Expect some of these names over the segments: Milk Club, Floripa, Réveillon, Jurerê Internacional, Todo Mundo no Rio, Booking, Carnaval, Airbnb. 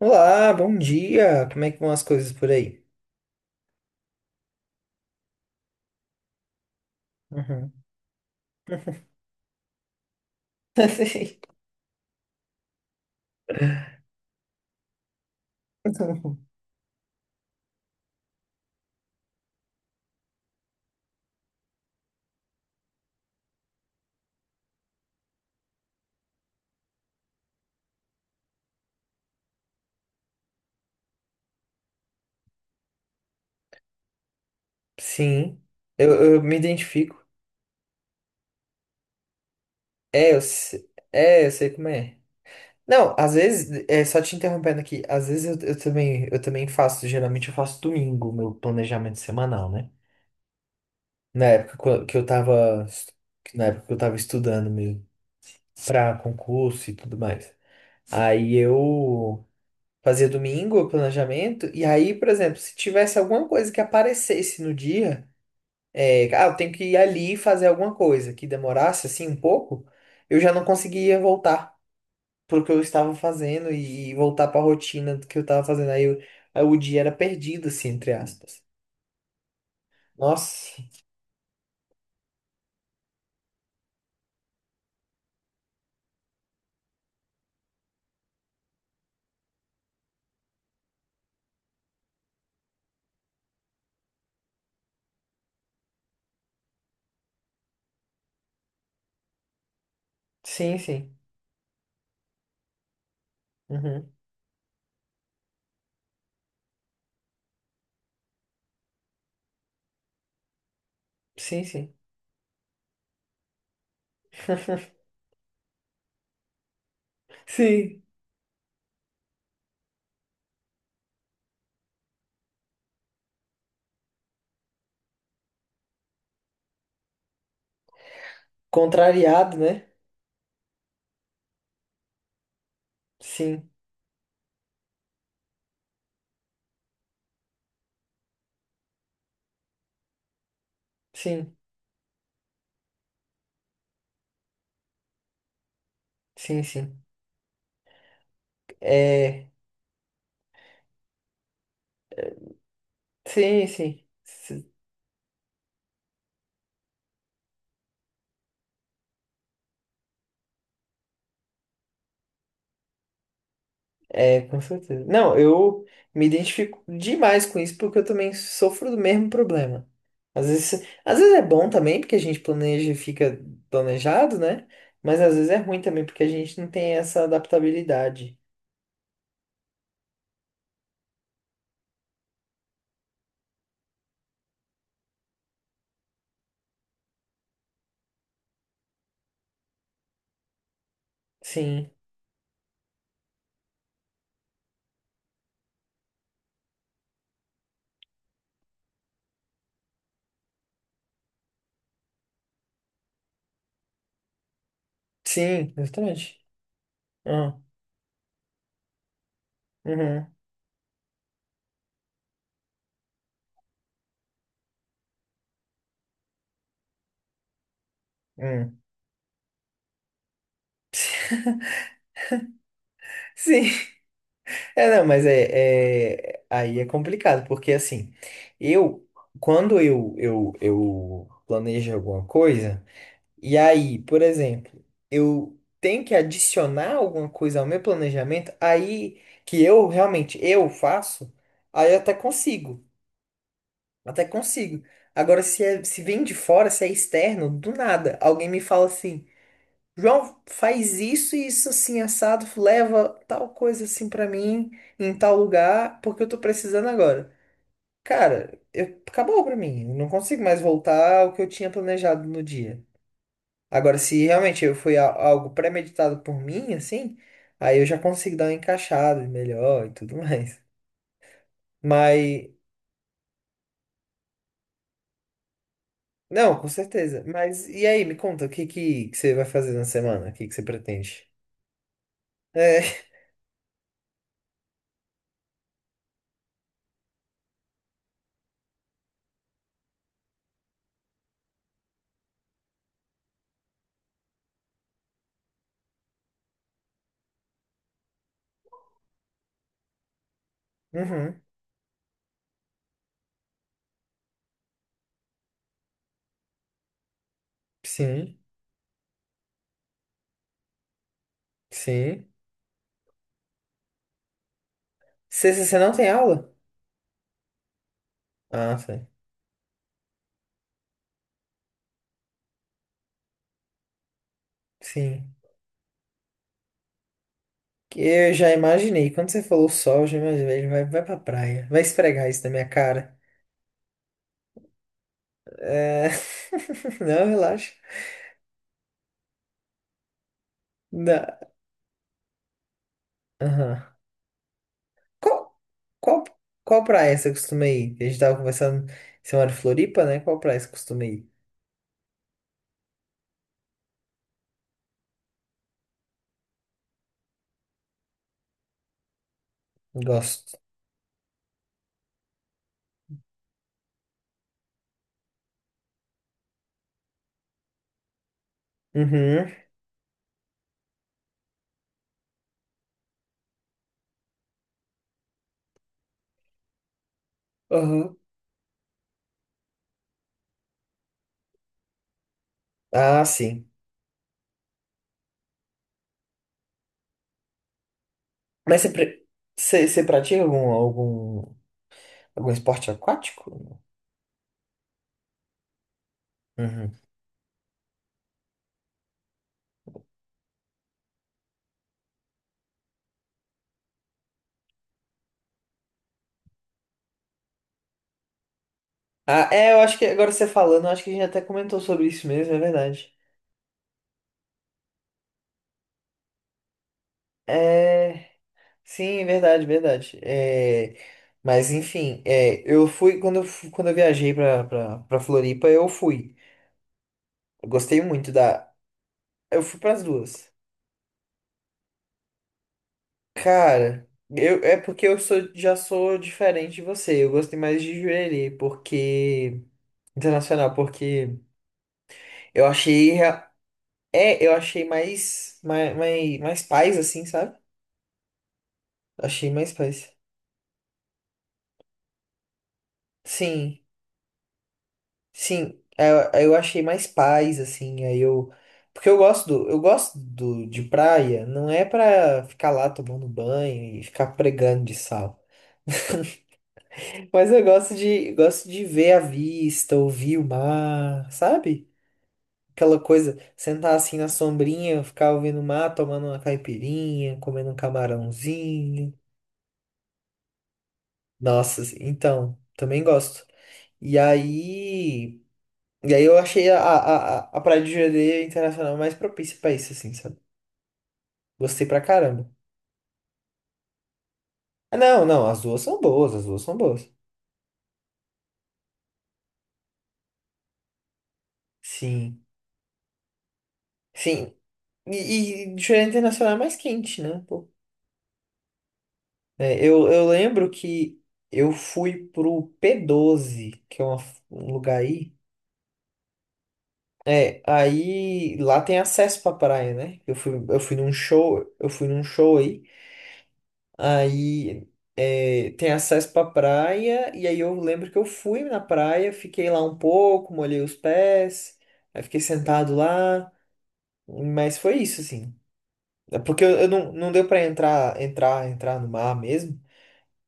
Olá, bom dia! Como é que vão as coisas por aí? Uhum. Sim, eu me identifico. É, eu sei como é. Não, às vezes, só te interrompendo aqui, às vezes eu também faço, geralmente eu faço domingo, o meu planejamento semanal, né? Na época co- que eu tava, es- na época que eu tava estudando mesmo, pra concurso e tudo mais. Aí eu fazia domingo o planejamento, e aí, por exemplo, se tivesse alguma coisa que aparecesse no dia, eu tenho que ir ali fazer alguma coisa que demorasse assim um pouco, eu já não conseguia voltar pro que eu estava fazendo e voltar para a rotina do que eu estava fazendo. Aí, o dia era perdido, assim, entre aspas. Nossa, sim, sim. Uhum. Sim, sim. Sim. Contrariado, né? Sim, sim, sim, sim. É, sim, sim. É, com certeza. Não, eu me identifico demais com isso porque eu também sofro do mesmo problema. Às vezes, é bom também porque a gente planeja e fica planejado, né? Mas às vezes é ruim também porque a gente não tem essa adaptabilidade. Sim, sim, exatamente. Ah, uhum, hum. Sim, não, mas aí é complicado porque assim, eu, quando eu planejo alguma coisa. E aí, por exemplo, eu tenho que adicionar alguma coisa ao meu planejamento, aí que eu realmente eu faço, aí eu até consigo, até consigo. Agora, se vem de fora, se é externo, do nada, alguém me fala assim, João, faz isso e isso assim, assado, leva tal coisa assim pra mim, em tal lugar, porque eu tô precisando agora. Cara, acabou pra mim, eu não consigo mais voltar ao que eu tinha planejado no dia. Agora, se realmente algo premeditado por mim, assim, aí eu já consigo dar uma encaixada melhor e tudo mais. Mas, não, com certeza. Mas, e aí, me conta, o que que você vai fazer na semana? O que que você pretende? É, uhum, sim, sim. Sexta você não tem aula? Ah, sim. Sim. Que eu já imaginei. Quando você falou sol, eu já imaginei. Ele vai pra praia. Vai esfregar isso na minha cara. É... Não, relaxa. Não. Qual, qual, qual praia você costuma ir? A gente tava conversando, você mora em Floripa, né? Qual praia você costuma ir? Gosto. Uhum. Uhum. Ah, sim. Mas você pratica algum esporte aquático? Uhum. Ah, é, eu acho que agora você falando, eu acho que a gente até comentou sobre isso mesmo, é verdade. É, sim, é verdade, é verdade. É, mas enfim, eu fui quando eu viajei pra Floripa, eu fui. Eu gostei muito da. Eu fui pras duas. Cara, é porque eu sou, já sou diferente de você. Eu gostei mais de Jurerê, porque Internacional, porque eu achei. Eu achei mais paz, assim, sabe? Achei mais paz. Sim, sim. Eu achei mais paz, assim. Aí eu. Porque eu gosto de praia. Não é pra ficar lá tomando banho e ficar pregando de sal. Mas eu gosto de ver a vista, ouvir o mar, sabe? Aquela coisa, sentar assim na sombrinha, ficar ouvindo o mar, tomando uma caipirinha, comendo um camarãozinho. Nossa, assim, então, também gosto. E aí, e aí, eu achei a Praia de Jureira Internacional mais propícia pra isso, assim, sabe? Gostei pra caramba. Ah, não, não, as duas são boas, as duas são boas. Sim, sim. E, e Jureira Internacional é mais quente, né? É, eu lembro que eu fui pro P12 que é um lugar aí. É, aí lá tem acesso pra praia, né? Eu fui num show aí. Aí, tem acesso pra praia, e aí eu lembro que eu fui na praia, fiquei lá um pouco, molhei os pés, aí fiquei sentado lá, mas foi isso, assim. É. Porque eu não, não deu pra entrar no mar mesmo,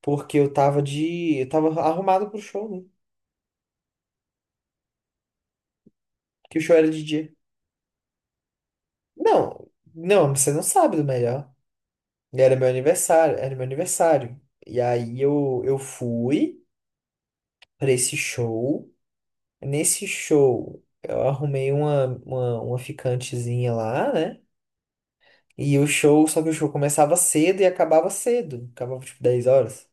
porque eu tava arrumado pro show, né? Que o show era de dia. Não, não, você não sabe do melhor. Era meu aniversário, era meu aniversário. E aí eu fui pra esse show. Nesse show, eu arrumei uma ficantezinha lá, né? E o show, só que o show começava cedo e acabava cedo. Acabava tipo 10 horas,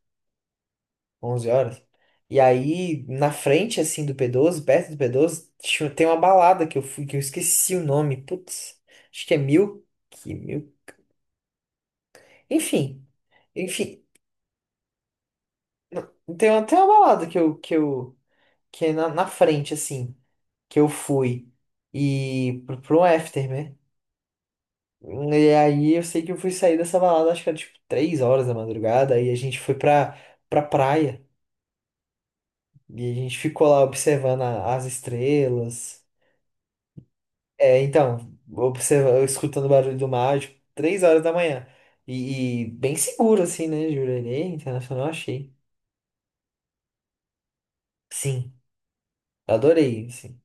11 horas. E aí, na frente, assim, do P12 perto do P12 tem uma balada que eu fui, que eu esqueci o nome. Putz, acho que é Mil. Que Mil. Enfim. Enfim, tem até uma balada que que é na frente, assim, que eu fui. E pro after, né? E aí eu sei que eu fui sair dessa balada, acho que era tipo 3 horas da madrugada, aí a gente foi pra praia. E a gente ficou lá observando as estrelas. É, então, escutando o barulho do mar, tipo, 3 horas da manhã. E bem seguro, assim, né, Jurerê Internacional, achei. Sim, adorei, assim.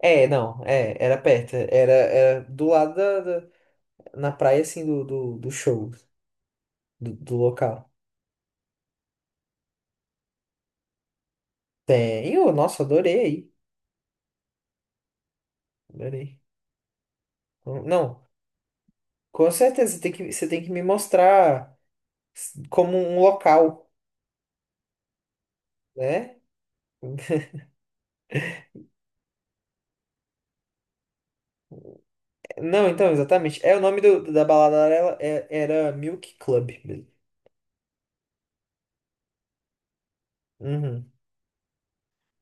É, não, era perto, era do lado na praia, assim, do show, do local. Tem, ô, nossa, adorei aí, adorei. Não, com certeza, você tem que me mostrar como um local, né? Não, então, exatamente, é o nome da balada era Milk Club, mesmo. Uhum.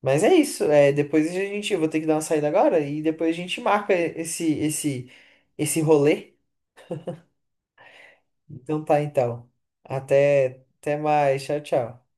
Mas é isso, depois eu vou ter que dar uma saída agora, e depois a gente marca esse rolê. Então tá, então. Até mais. Tchau, tchau.